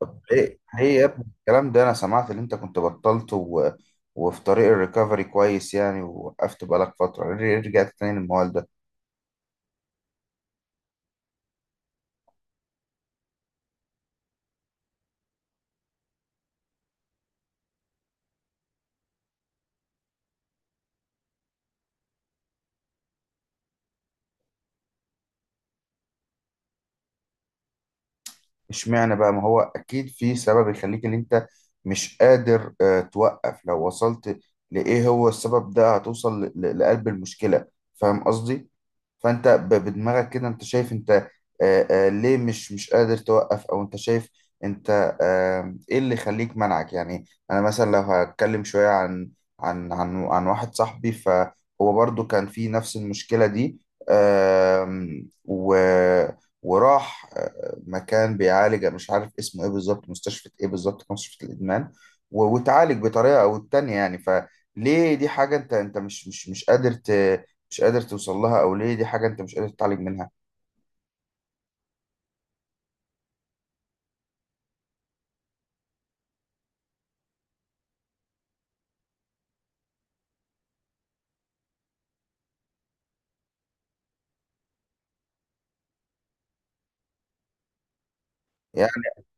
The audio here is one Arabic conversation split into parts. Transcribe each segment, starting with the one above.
طب ليه يا ابني الكلام ده؟ انا سمعت ان انت كنت بطلت وفي طريق الريكفري كويس يعني، ووقفت بقالك فترة، ليه رجعت تاني للموال ده؟ اشمعنى بقى، ما هو اكيد في سبب يخليك ان انت مش قادر توقف. لو وصلت لايه هو السبب ده هتوصل لقلب المشكلة. فاهم قصدي؟ فانت بدماغك كده انت شايف انت ليه مش قادر توقف، او انت شايف انت ايه اللي يخليك منعك يعني؟ انا مثلا لو هتكلم شوية عن واحد صاحبي فهو برضو كان في نفس المشكلة دي. آم، و وراح مكان بيعالج، مش عارف اسمه ايه بالظبط، مستشفى ايه بالظبط، كان مستشفى الادمان. وتعالج بطريقه او التانية يعني. فليه دي حاجه انت مش قادر مش قادر توصل لها، او ليه دي حاجه انت مش قادر تتعالج منها؟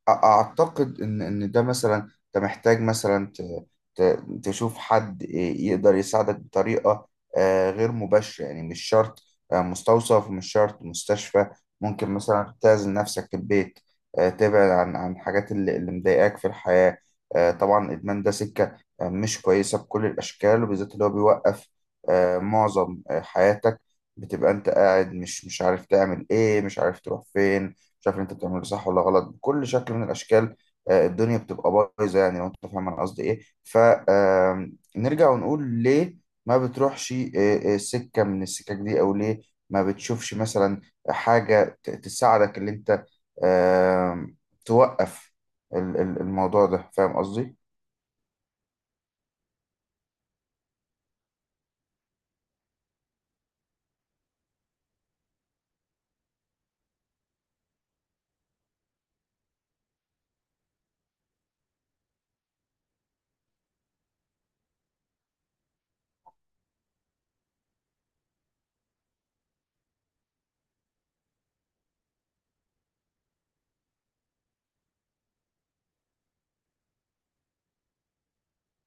اعتقد ان ده مثلا انت محتاج مثلا تشوف حد يقدر يساعدك بطريقه غير مباشره يعني. مش شرط مستوصف، مش شرط مستشفى. ممكن مثلا تعزل نفسك في البيت، تبعد عن الحاجات اللي مضايقاك في الحياه. طبعا الادمان ده سكه مش كويسه بكل الاشكال، وبالذات اللي هو بيوقف معظم حياتك. بتبقى انت قاعد مش عارف تعمل ايه، مش عارف تروح فين، مش عارف اللي انت بتعمله صح ولا غلط بكل شكل من الاشكال. الدنيا بتبقى بايظه يعني، لو انت فاهم انا قصدي ايه. فنرجع ونقول ليه ما بتروحش سكه من السكك دي، او ليه ما بتشوفش مثلا حاجه تساعدك اللي انت آه، توقف الموضوع ده. فاهم قصدي؟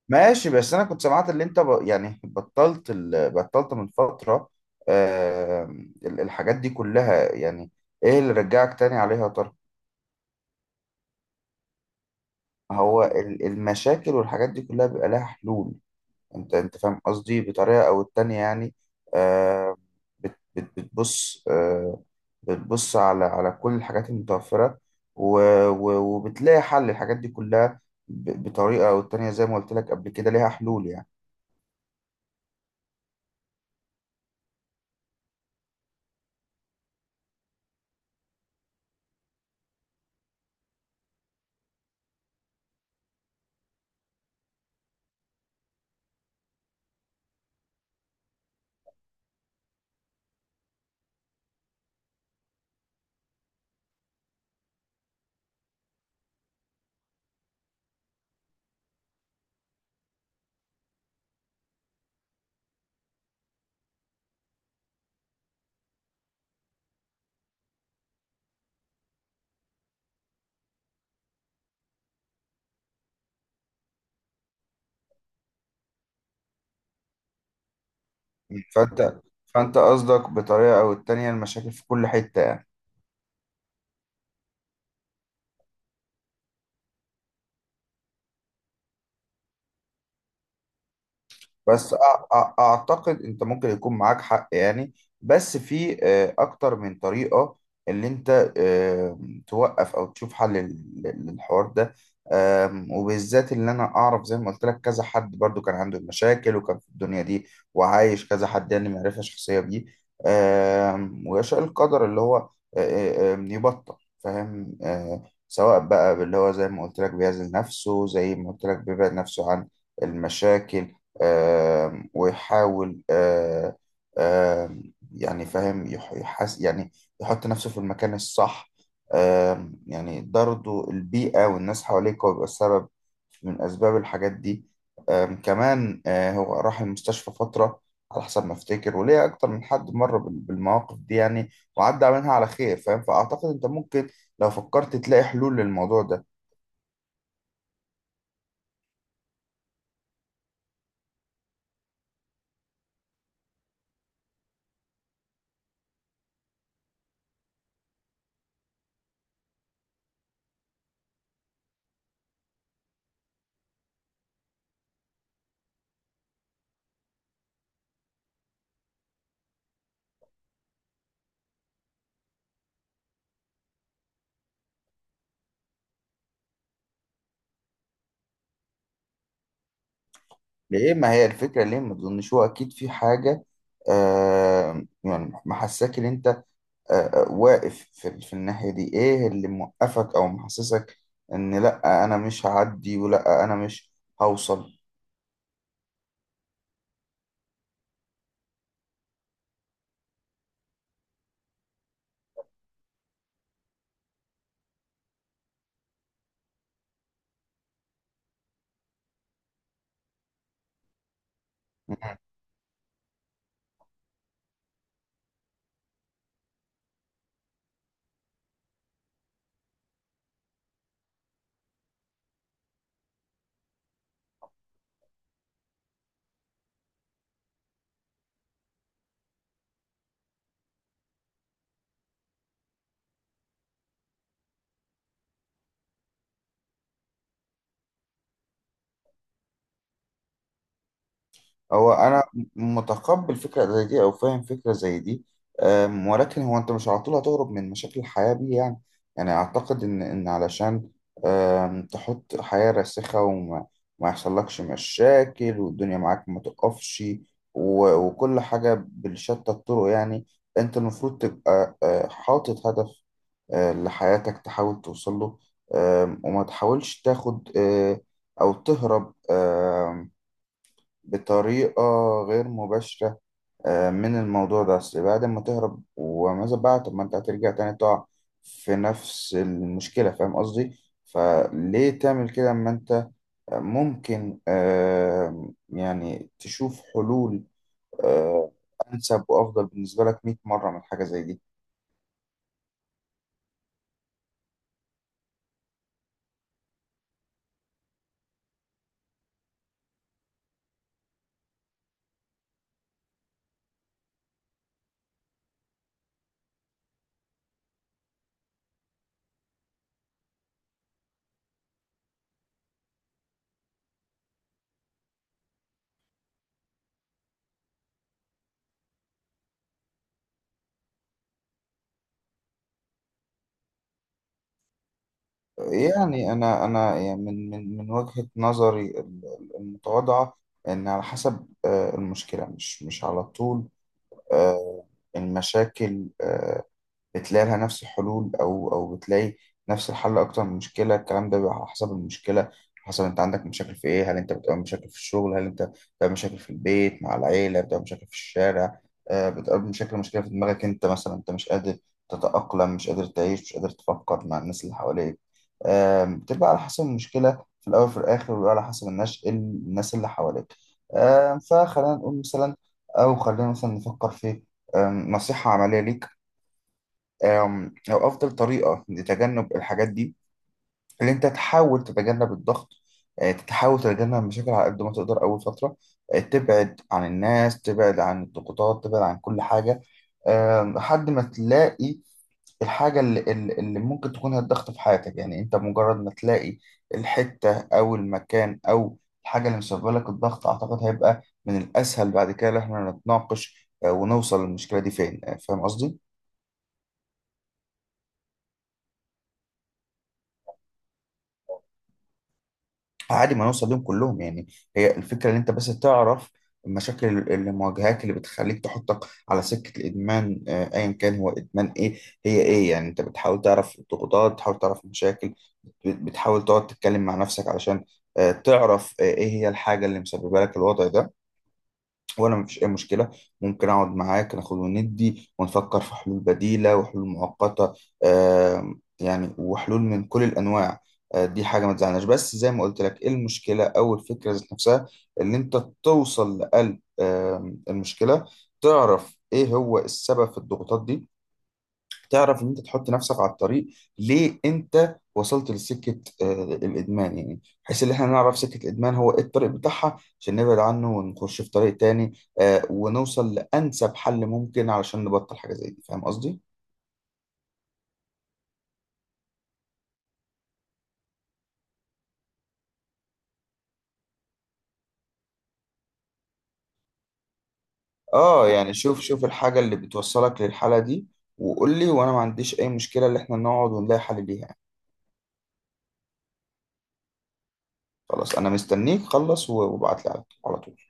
ماشي، بس انا كنت سمعت اللي انت يعني بطلت بطلت من فتره آه، الحاجات دي كلها يعني. ايه اللي رجعك تاني عليها يا ترى؟ هو المشاكل والحاجات دي كلها بيبقى لها حلول. انت فاهم قصدي بطريقة او التانية يعني. آه بتبص، بتبص على كل الحاجات المتوفرة، وبتلاقي حل الحاجات دي كلها بطريقة او التانية. زي ما قلت لك قبل كده، ليها حلول يعني. فانت فانت قصدك بطريقة او التانية المشاكل في كل حتة. بس اعتقد انت ممكن يكون معاك حق يعني، بس في اكتر من طريقة اللي انت توقف او تشوف حل للحوار ده. وبالذات اللي انا اعرف، زي ما قلت لك، كذا حد برضو كان عنده مشاكل وكان في الدنيا دي، وعايش كذا حد يعني، معرفة شخصية بيه. ويشاء القدر اللي هو آه، آه، آم، يبطل، فاهم؟ سواء بقى، اللي هو زي ما قلت لك بيعزل نفسه، زي ما قلت لك بيبعد نفسه عن المشاكل، ويحاول آه، آم، يعني فاهم، يحس يعني، يحط نفسه في المكان الصح. يعني ده برضه البيئة والناس حواليك هو بيبقى السبب من أسباب الحاجات دي. كمان هو راح المستشفى فترة، على حسب ما افتكر، وليه أكتر من حد مر بالمواقف دي يعني، وعدى منها على خير فاهم. فأعتقد أنت ممكن لو فكرت تلاقي حلول للموضوع ده. ليه ما هي الفكرة، ليه ما تظنش هو أكيد في حاجة يعني محساك إن أنت واقف في الناحية دي؟ إيه اللي موقفك أو محسسك إن لأ أنا مش هعدي ولأ أنا مش هوصل؟ هو انا متقبل فكره زي دي او فاهم فكره زي دي، ولكن هو انت مش على طول هتهرب من مشاكل الحياه دي يعني. يعني اعتقد ان علشان تحط حياه راسخه، وما ما يحصلكش مشاكل والدنيا معاك ما تقفش، وكل حاجه بالشتى الطرق يعني، انت المفروض تبقى حاطط هدف لحياتك، تحاول توصل له. وما تحاولش تاخد او تهرب بطريقة غير مباشرة من الموضوع ده. أصل بعد ما تهرب وماذا بقى؟ طب ما أنت هترجع تاني تقع في نفس المشكلة. فاهم قصدي؟ فليه تعمل كده أما أنت ممكن يعني تشوف حلول آه، أنسب وأفضل بالنسبة لك 100 مرة من حاجة زي دي؟ يعني أنا يعني من وجهة نظري المتواضعة، إن على حسب المشكلة. مش على طول آه، المشاكل بتلاقي لها نفس الحلول، او بتلاقي نفس الحل اكتر من مشكله. الكلام ده بيبقى على حسب المشكله، حسب انت عندك مشاكل في ايه. هل انت بتقابل مشاكل في الشغل، هل انت بتقابل مشاكل في البيت مع العيله، بتقابل مشاكل في الشارع، بتقابل مشاكل مشكله في دماغك انت مثلا، انت مش قادر تتاقلم، مش قادر تعيش، مش قادر تفكر مع الناس اللي حواليك. بتبقى على حسب المشكله في الاول وفي الاخر، وبيبقى على حسب الناس اللي حواليك. فخلينا نقول مثلا، او خلينا مثلا نفكر في نصيحه عمليه ليك، أو أفضل طريقة لتجنب الحاجات دي اللي أنت تحاول تتجنب الضغط. تحاول تتجنب المشاكل على قد ما تقدر أول فترة، تبعد عن الناس، تبعد عن الضغوطات، تبعد عن كل حاجة، لحد ما تلاقي الحاجة اللي ممكن تكون هي الضغط في حياتك. يعني أنت مجرد ما تلاقي الحتة أو المكان أو الحاجة اللي مسببة لك الضغط، أعتقد هيبقى من الأسهل بعد كده إن إحنا نتناقش ونوصل للمشكلة دي فين. فاهم قصدي؟ عادي ما نوصل لهم كلهم يعني. هي الفكرة ان انت بس تعرف المشاكل المواجهات اللي بتخليك تحطك على سكة الإدمان أيا كان هو إدمان إيه، هي إيه يعني. أنت بتحاول تعرف الضغوطات، بتحاول تعرف المشاكل، بتحاول تقعد تتكلم مع نفسك علشان تعرف إيه هي الحاجة اللي مسببة لك الوضع ده. وانا مفيش اي مشكله ممكن اقعد معاك ناخد وندي ونفكر في حلول بديله وحلول مؤقته، يعني وحلول من كل الانواع. دي حاجه ما تزعلناش. بس زي ما قلت لك، ايه المشكله، او الفكره ذات نفسها ان انت توصل لقلب المشكله، تعرف ايه هو السبب في الضغوطات دي، تعرف ان انت تحط نفسك على الطريق ليه، انت وصلت لسكه الادمان يعني، بحيث ان احنا نعرف سكه الادمان هو ايه، الطريق بتاعها عشان نبعد عنه ونخش في طريق تاني، ونوصل لانسب حل ممكن علشان نبطل حاجه زي دي. فاهم قصدي؟ اه، يعني شوف شوف الحاجه اللي بتوصلك للحاله دي وقول لي، وانا ما عنديش اي مشكله ان احنا نقعد ونلاقي حل ليها يعني. خلاص، انا مستنيك، خلص وابعت لي على طول.